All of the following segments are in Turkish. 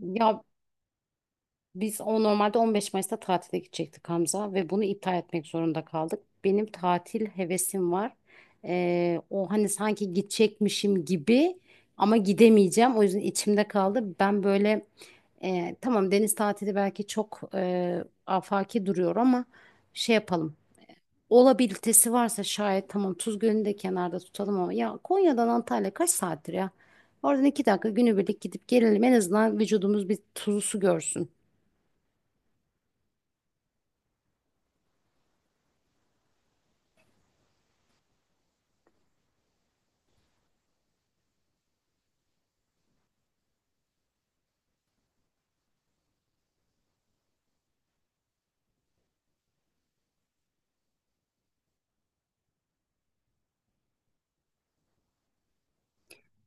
Ya biz o normalde 15 Mayıs'ta tatile gidecektik Hamza ve bunu iptal etmek zorunda kaldık. Benim tatil hevesim var. O hani sanki gidecekmişim gibi ama gidemeyeceğim. O yüzden içimde kaldı. Ben böyle tamam, deniz tatili belki çok afaki duruyor ama şey yapalım. Olabilitesi varsa şayet tamam, Tuz Gölü'nü de kenarda tutalım ama ya Konya'dan Antalya kaç saattir ya? Oradan iki dakika günübirlik gidip gelelim. En azından vücudumuz bir tuzlu su görsün.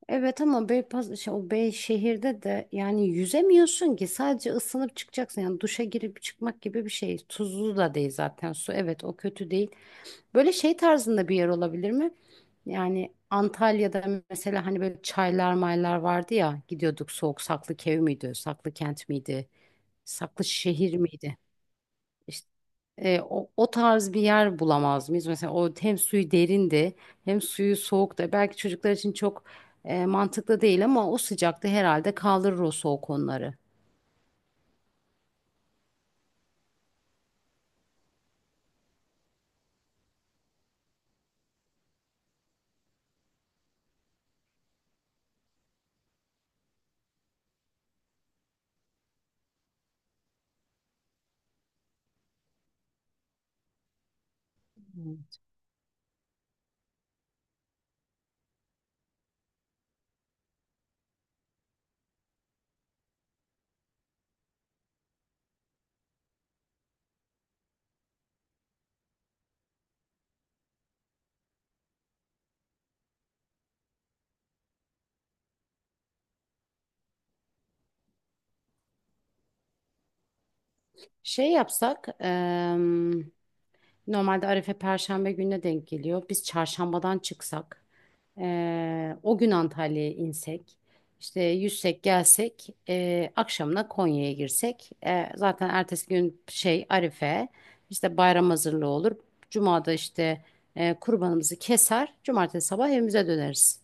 Evet ama o Bey şehirde de yani yüzemiyorsun ki, sadece ısınıp çıkacaksın. Yani duşa girip çıkmak gibi bir şey. Tuzlu da değil zaten su. Evet, o kötü değil. Böyle şey tarzında bir yer olabilir mi? Yani Antalya'da mesela hani böyle çaylar maylar vardı ya, gidiyorduk, soğuk. Saklı Kevi miydi? Saklı Kent miydi? Saklı Şehir miydi? İşte o tarz bir yer bulamaz mıyız? Mesela o hem suyu derindi hem suyu soğuktu. Belki çocuklar için çok mantıklı değil ama o sıcakta herhalde kaldırır o soğuk onları. Hmm. Şey yapsak, normalde Arife Perşembe gününe denk geliyor. Biz çarşambadan çıksak. O gün Antalya'ya insek, işte yüzsek gelsek, akşamına Konya'ya girsek. E, zaten ertesi gün şey, Arife, işte bayram hazırlığı olur. Cuma'da işte kurbanımızı keser, cumartesi sabah evimize döneriz.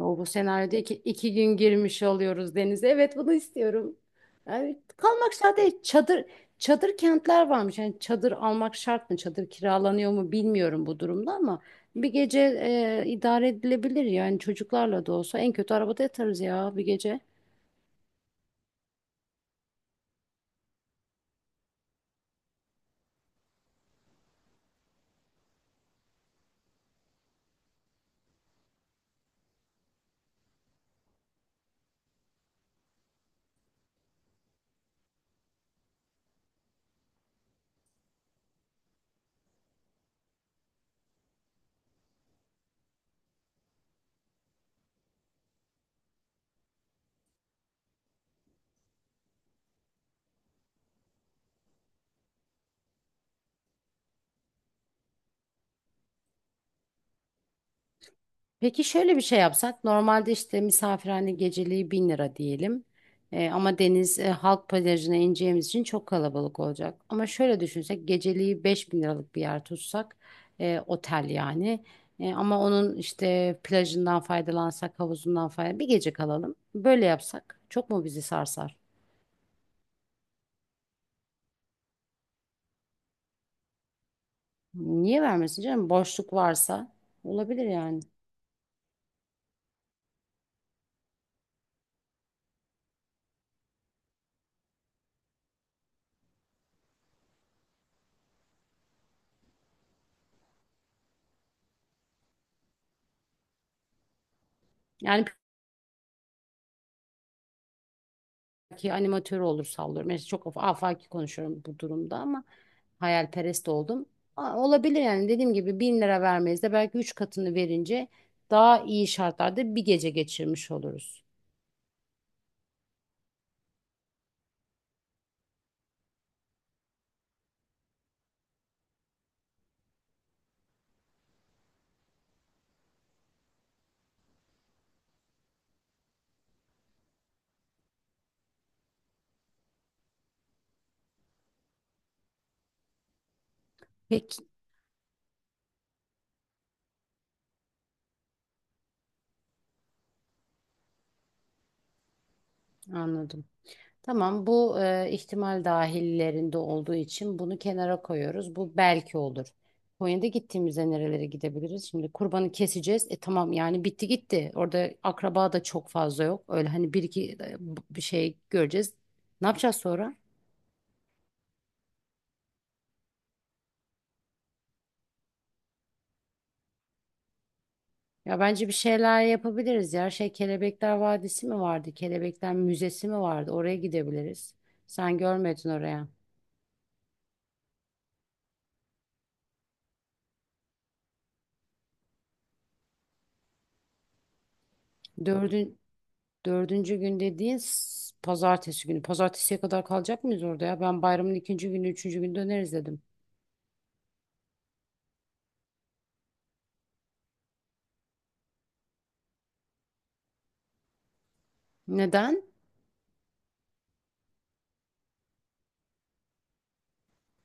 O bu senaryoda iki gün girmiş oluyoruz denize. Evet, bunu istiyorum. Yani kalmak şart değil. Çadır kentler varmış. Yani çadır almak şart mı? Çadır kiralanıyor mu, bilmiyorum bu durumda, ama bir gece idare edilebilir. Yani çocuklarla da olsa en kötü arabada yatarız ya bir gece. Peki şöyle bir şey yapsak: normalde işte misafirhane geceliği 1000 lira diyelim. Ama deniz halk plajına ineceğimiz için çok kalabalık olacak. Ama şöyle düşünsek, geceliği 5000 liralık bir yer tutsak, otel yani. E, ama onun işte plajından faydalansak, havuzundan faydalan, bir gece kalalım, böyle yapsak çok mu bizi sarsar? Niye vermesin canım, boşluk varsa olabilir yani. Yani belki animatör olur, sallıyorum. Yani çok afaki konuşuyorum bu durumda ama. Hayalperest oldum. Aa, olabilir yani, dediğim gibi bin lira vermeyiz de belki üç katını verince daha iyi şartlarda bir gece geçirmiş oluruz. Peki. Anladım. Tamam, bu ihtimal dahillerinde olduğu için bunu kenara koyuyoruz. Bu belki olur. Konya'da gittiğimizde nerelere gidebiliriz? Şimdi kurbanı keseceğiz. E tamam, yani bitti gitti. Orada akraba da çok fazla yok. Öyle hani bir iki bir şey göreceğiz. Ne yapacağız sonra? Ya bence bir şeyler yapabiliriz ya. Şey, Kelebekler Vadisi mi vardı? Kelebekler Müzesi mi vardı? Oraya gidebiliriz. Sen görmedin oraya. Dördün, dördüncü gün dediğin pazartesi günü. Pazartesiye kadar kalacak mıyız orada ya? Ben bayramın ikinci günü, üçüncü günü döneriz dedim. Neden?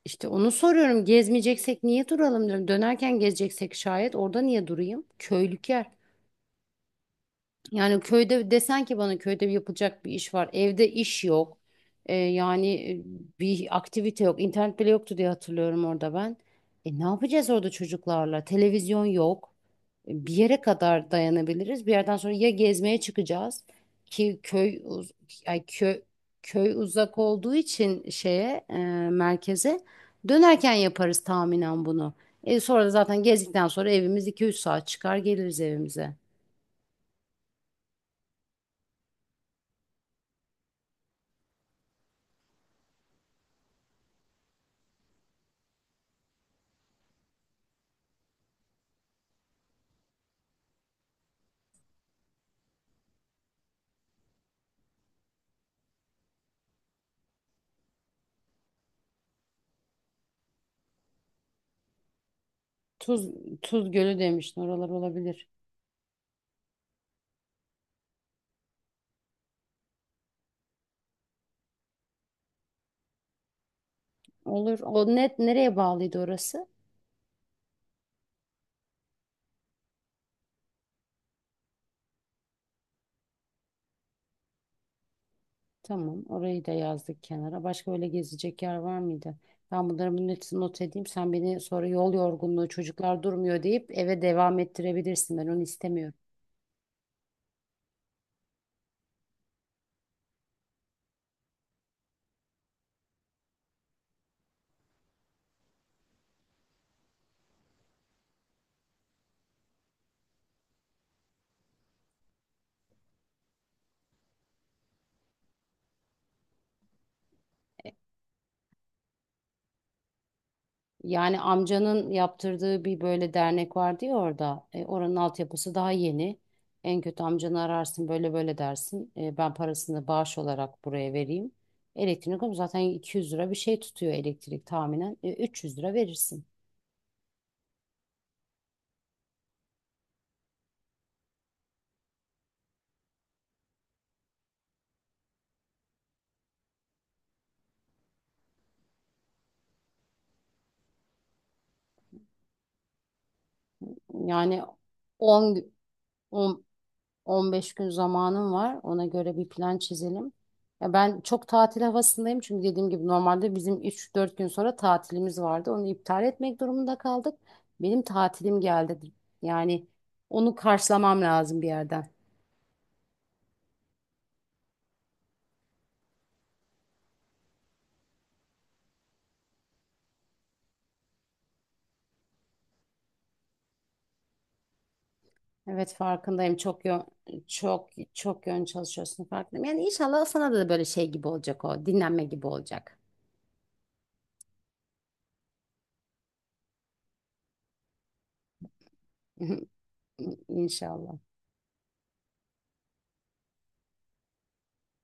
İşte onu soruyorum. Gezmeyeceksek niye duralım diyorum. Dönerken gezeceksek şayet orada niye durayım? Köylük yer. Yani köyde desen ki bana, köyde yapılacak bir iş var. Evde iş yok. Yani bir aktivite yok. İnternet bile yoktu diye hatırlıyorum orada ben. E, ne yapacağız orada çocuklarla? Televizyon yok. E, bir yere kadar dayanabiliriz. Bir yerden sonra ya gezmeye çıkacağız ki ay köy köy uzak olduğu için merkeze dönerken yaparız tahminen bunu. E, sonra da zaten gezdikten sonra evimiz iki üç saat, çıkar geliriz evimize. Tuz, Tuz Gölü demiştin. Oralar olabilir. Olur. O net nereye bağlıydı orası? Tamam. Orayı da yazdık kenara. Başka öyle gezecek yer var mıydı? Ben bunun hepsini not edeyim. Sen beni sonra yol yorgunluğu, çocuklar durmuyor deyip eve devam ettirebilirsin. Ben onu istemiyorum. Yani amcanın yaptırdığı bir böyle dernek vardı ya orada. E, oranın altyapısı daha yeni. En kötü amcanı ararsın, böyle böyle dersin. E, ben parasını bağış olarak buraya vereyim. Elektrik ama zaten 200 lira bir şey tutuyor elektrik tahminen. E, 300 lira verirsin. Yani 10. 15 gün zamanım var. Ona göre bir plan çizelim. Ya ben çok tatil havasındayım çünkü dediğim gibi normalde bizim üç dört gün sonra tatilimiz vardı. Onu iptal etmek durumunda kaldık. Benim tatilim geldi. Yani onu karşılamam lazım bir yerden. Evet, farkındayım. Çok çok yön çalışıyorsun, farkındayım. Yani inşallah sana da böyle şey gibi olacak o. Dinlenme gibi olacak. İnşallah.